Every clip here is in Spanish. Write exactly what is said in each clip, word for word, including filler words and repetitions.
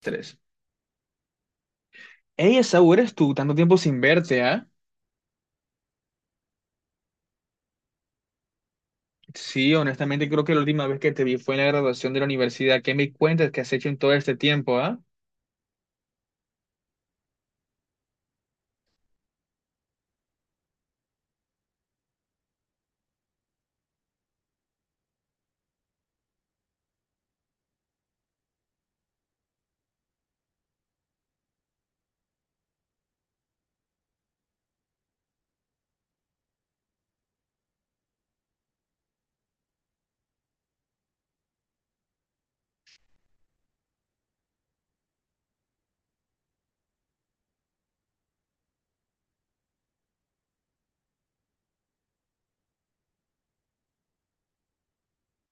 Tres. Hey, Esaú, eres tú, tanto tiempo sin verte, ¿ah? Sí, honestamente creo que la última vez que te vi fue en la graduación de la universidad. ¿Qué me cuentas que has hecho en todo este tiempo, ah?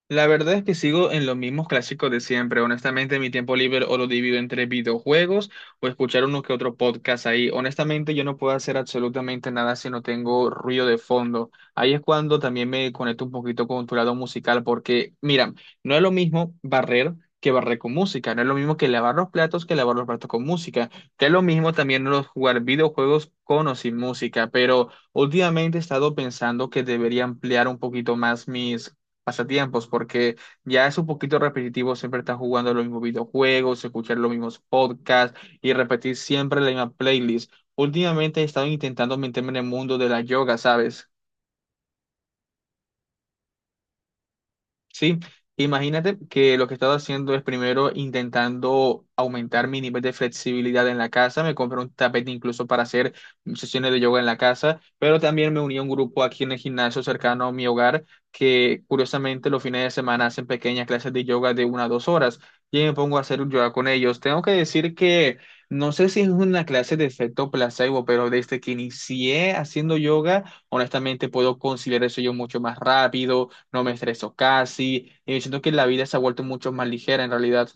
La verdad es que sigo en los mismos clásicos de siempre. Honestamente, mi tiempo libre o lo divido entre videojuegos o escuchar uno que otro podcast ahí. Honestamente, yo no puedo hacer absolutamente nada si no tengo ruido de fondo. Ahí es cuando también me conecto un poquito con tu lado musical, porque, mira, no es lo mismo barrer que barrer con música, no es lo mismo que lavar los platos que lavar los platos con música, que es lo mismo también los jugar videojuegos con o sin música, pero últimamente he estado pensando que debería ampliar un poquito más mis pasatiempos, porque ya es un poquito repetitivo siempre estar jugando los mismos videojuegos, escuchar los mismos podcasts y repetir siempre la misma playlist. Últimamente he estado intentando meterme en el mundo de la yoga, ¿sabes? Sí, imagínate que lo que he estado haciendo es primero intentando aumentar mi nivel de flexibilidad en la casa. Me compré un tapete incluso para hacer sesiones de yoga en la casa, pero también me uní a un grupo aquí en el gimnasio cercano a mi hogar que curiosamente los fines de semana hacen pequeñas clases de yoga de una a dos horas y me pongo a hacer yoga con ellos. Tengo que decir que no sé si es una clase de efecto placebo, pero desde que inicié haciendo yoga, honestamente puedo conciliar eso yo mucho más rápido no me estreso casi, y yo siento que la vida se ha vuelto mucho más ligera en realidad.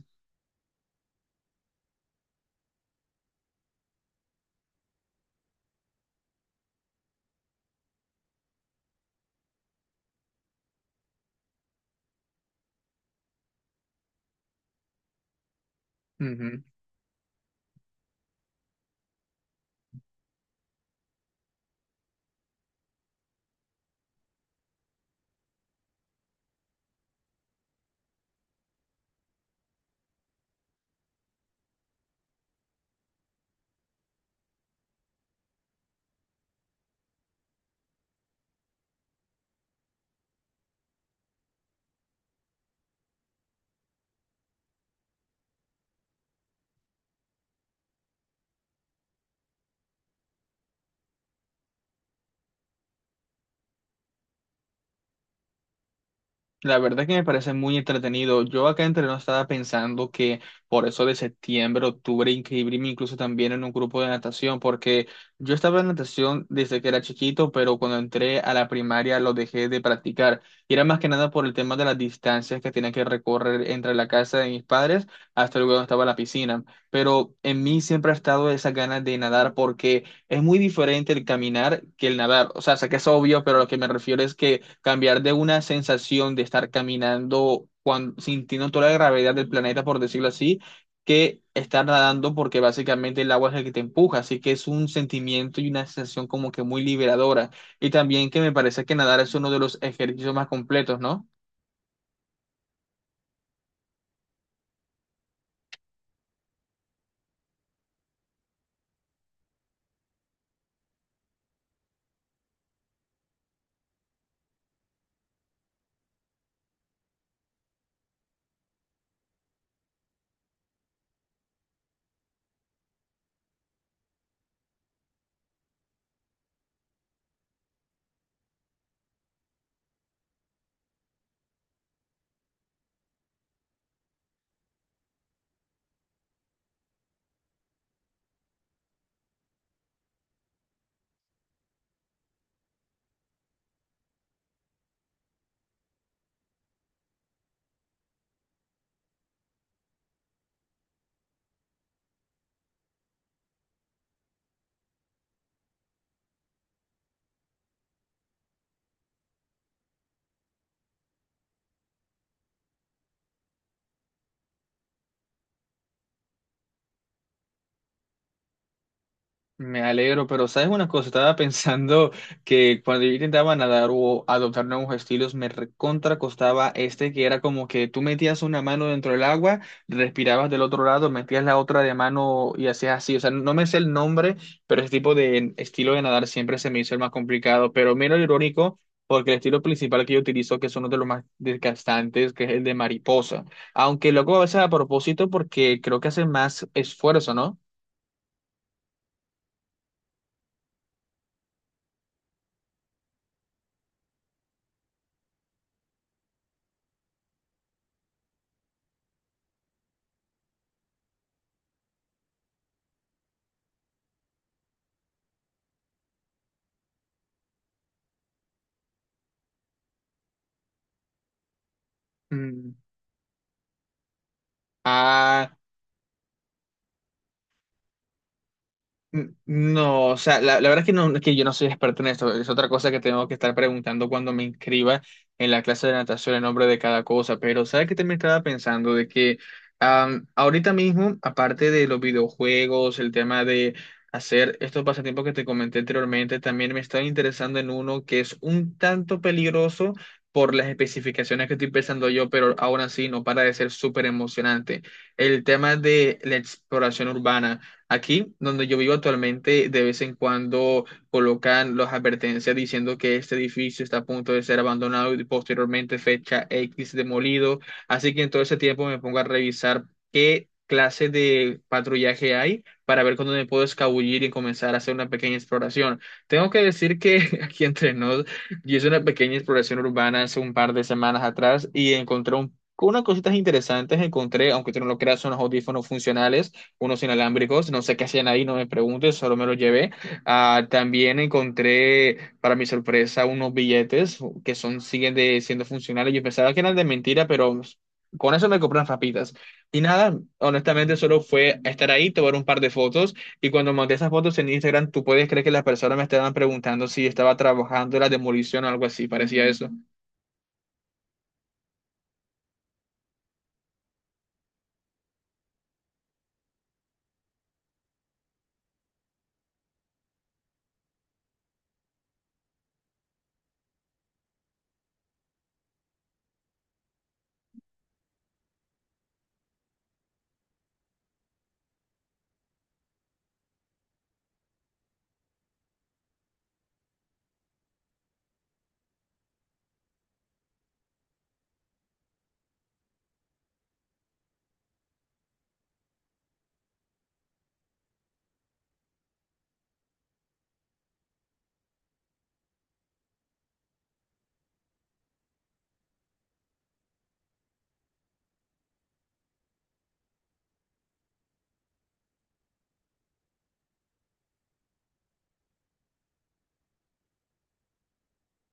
Ujú. La verdad que me parece muy entretenido. Yo acá entre nos estaba pensando que por eso de septiembre, octubre, inscribirme incluso también en un grupo de natación, porque yo estaba en natación desde que era chiquito, pero cuando entré a la primaria lo dejé de practicar. Y era más que nada por el tema de las distancias que tenía que recorrer entre la casa de mis padres hasta luego donde estaba la piscina. Pero en mí siempre ha estado esa ganas de nadar porque es muy diferente el caminar que el nadar. O sea, sé que es obvio, pero lo que me refiero es que cambiar de una sensación de estar caminando cuan- sintiendo toda la gravedad del planeta, por decirlo así, que estar nadando porque básicamente el agua es el que te empuja. Así que es un sentimiento y una sensación como que muy liberadora. Y también que me parece que nadar es uno de los ejercicios más completos, ¿no? Me alegro, pero sabes una cosa, estaba pensando que cuando yo intentaba nadar o adoptar nuevos estilos, me recontra costaba este que era como que tú metías una mano dentro del agua, respirabas del otro lado, metías la otra de mano y hacías así. O sea, no me sé el nombre, pero ese tipo de estilo de nadar siempre se me hizo el más complicado. Pero mira lo irónico, porque el estilo principal que yo utilizo, que es uno de los más desgastantes, que es el de mariposa. Aunque luego a veces a propósito, porque creo que hace más esfuerzo, ¿no? Mm. Ah. N- No, o sea, la, la verdad es que, no, es que yo no soy experto en esto. Es otra cosa que tengo que estar preguntando cuando me inscriba en la clase de natación el nombre de cada cosa. Pero, ¿sabes qué también estaba pensando? De que am, ahorita mismo, aparte de los videojuegos, el tema de hacer estos pasatiempos que te comenté anteriormente, también me estaba interesando en uno que es un tanto peligroso por las especificaciones que estoy pensando yo, pero aún así no para de ser súper emocionante. El tema de la exploración urbana. Aquí, donde yo vivo actualmente, de vez en cuando colocan las advertencias diciendo que este edificio está a punto de ser abandonado y posteriormente fecha X demolido. Así que en todo ese tiempo me pongo a revisar qué clase de patrullaje hay para ver cuándo me puedo escabullir y comenzar a hacer una pequeña exploración. Tengo que decir que aquí entre nos, yo hice una pequeña exploración urbana hace un par de semanas atrás y encontré un- unas cositas interesantes encontré, aunque tú no lo creas, unos audífonos funcionales unos inalámbricos, no sé qué hacían ahí, no me preguntes, solo me los llevé. Ah, también encontré, para mi sorpresa, unos billetes que son, siguen de- siendo funcionales. Yo pensaba que eran de mentira, pero con eso me compré unas papitas. Y nada, honestamente, solo fue estar ahí, tomar un par de fotos. Y cuando monté esas fotos en Instagram, tú puedes creer que las personas me estaban preguntando si estaba trabajando en la demolición o algo así, parecía eso.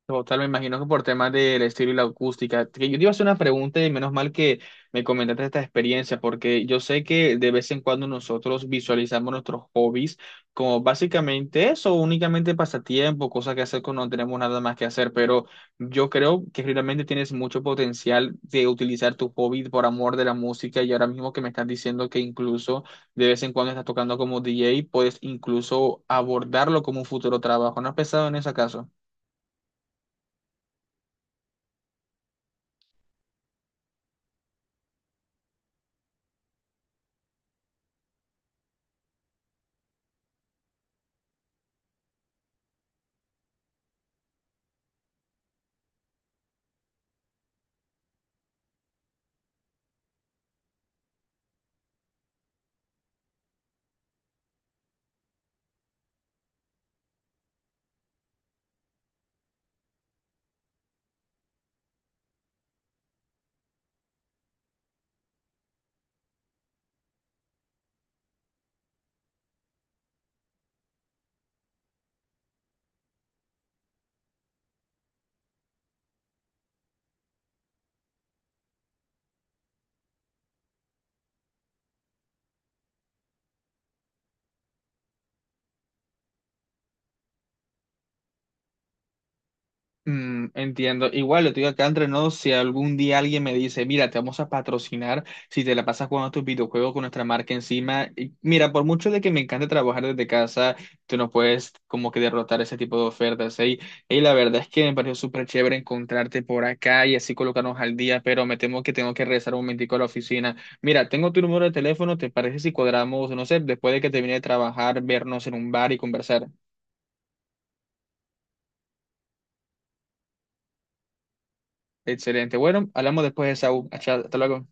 Total, me imagino que por temas del estilo y la acústica. Que yo te iba a hacer una pregunta y menos mal que me comentaste esta experiencia, porque yo sé que de vez en cuando nosotros visualizamos nuestros hobbies como básicamente eso, únicamente pasatiempo, cosas que hacer cuando no tenemos nada más que hacer, pero yo creo que realmente tienes mucho potencial de utilizar tu hobby por amor de la música y ahora mismo que me estás diciendo que incluso de vez en cuando estás tocando como D J, puedes incluso abordarlo como un futuro trabajo. ¿No has pensado en ese caso? Mm, entiendo. Igual lo digo acá entre nos, si algún día alguien me dice, mira, te vamos a patrocinar si te la pasas jugando tus videojuegos con nuestra marca encima. Y mira, por mucho de que me encante trabajar desde casa, tú no puedes como que derrotar ese tipo de ofertas. ¿Eh? Y la verdad es que me pareció súper chévere encontrarte por acá y así colocarnos al día, pero me temo que tengo que regresar un momentico a la oficina. Mira, tengo tu número de teléfono, ¿te parece si cuadramos, no sé, después de que termine de trabajar, vernos en un bar y conversar? Excelente. Bueno, hablamos después de esa. Hasta hasta luego.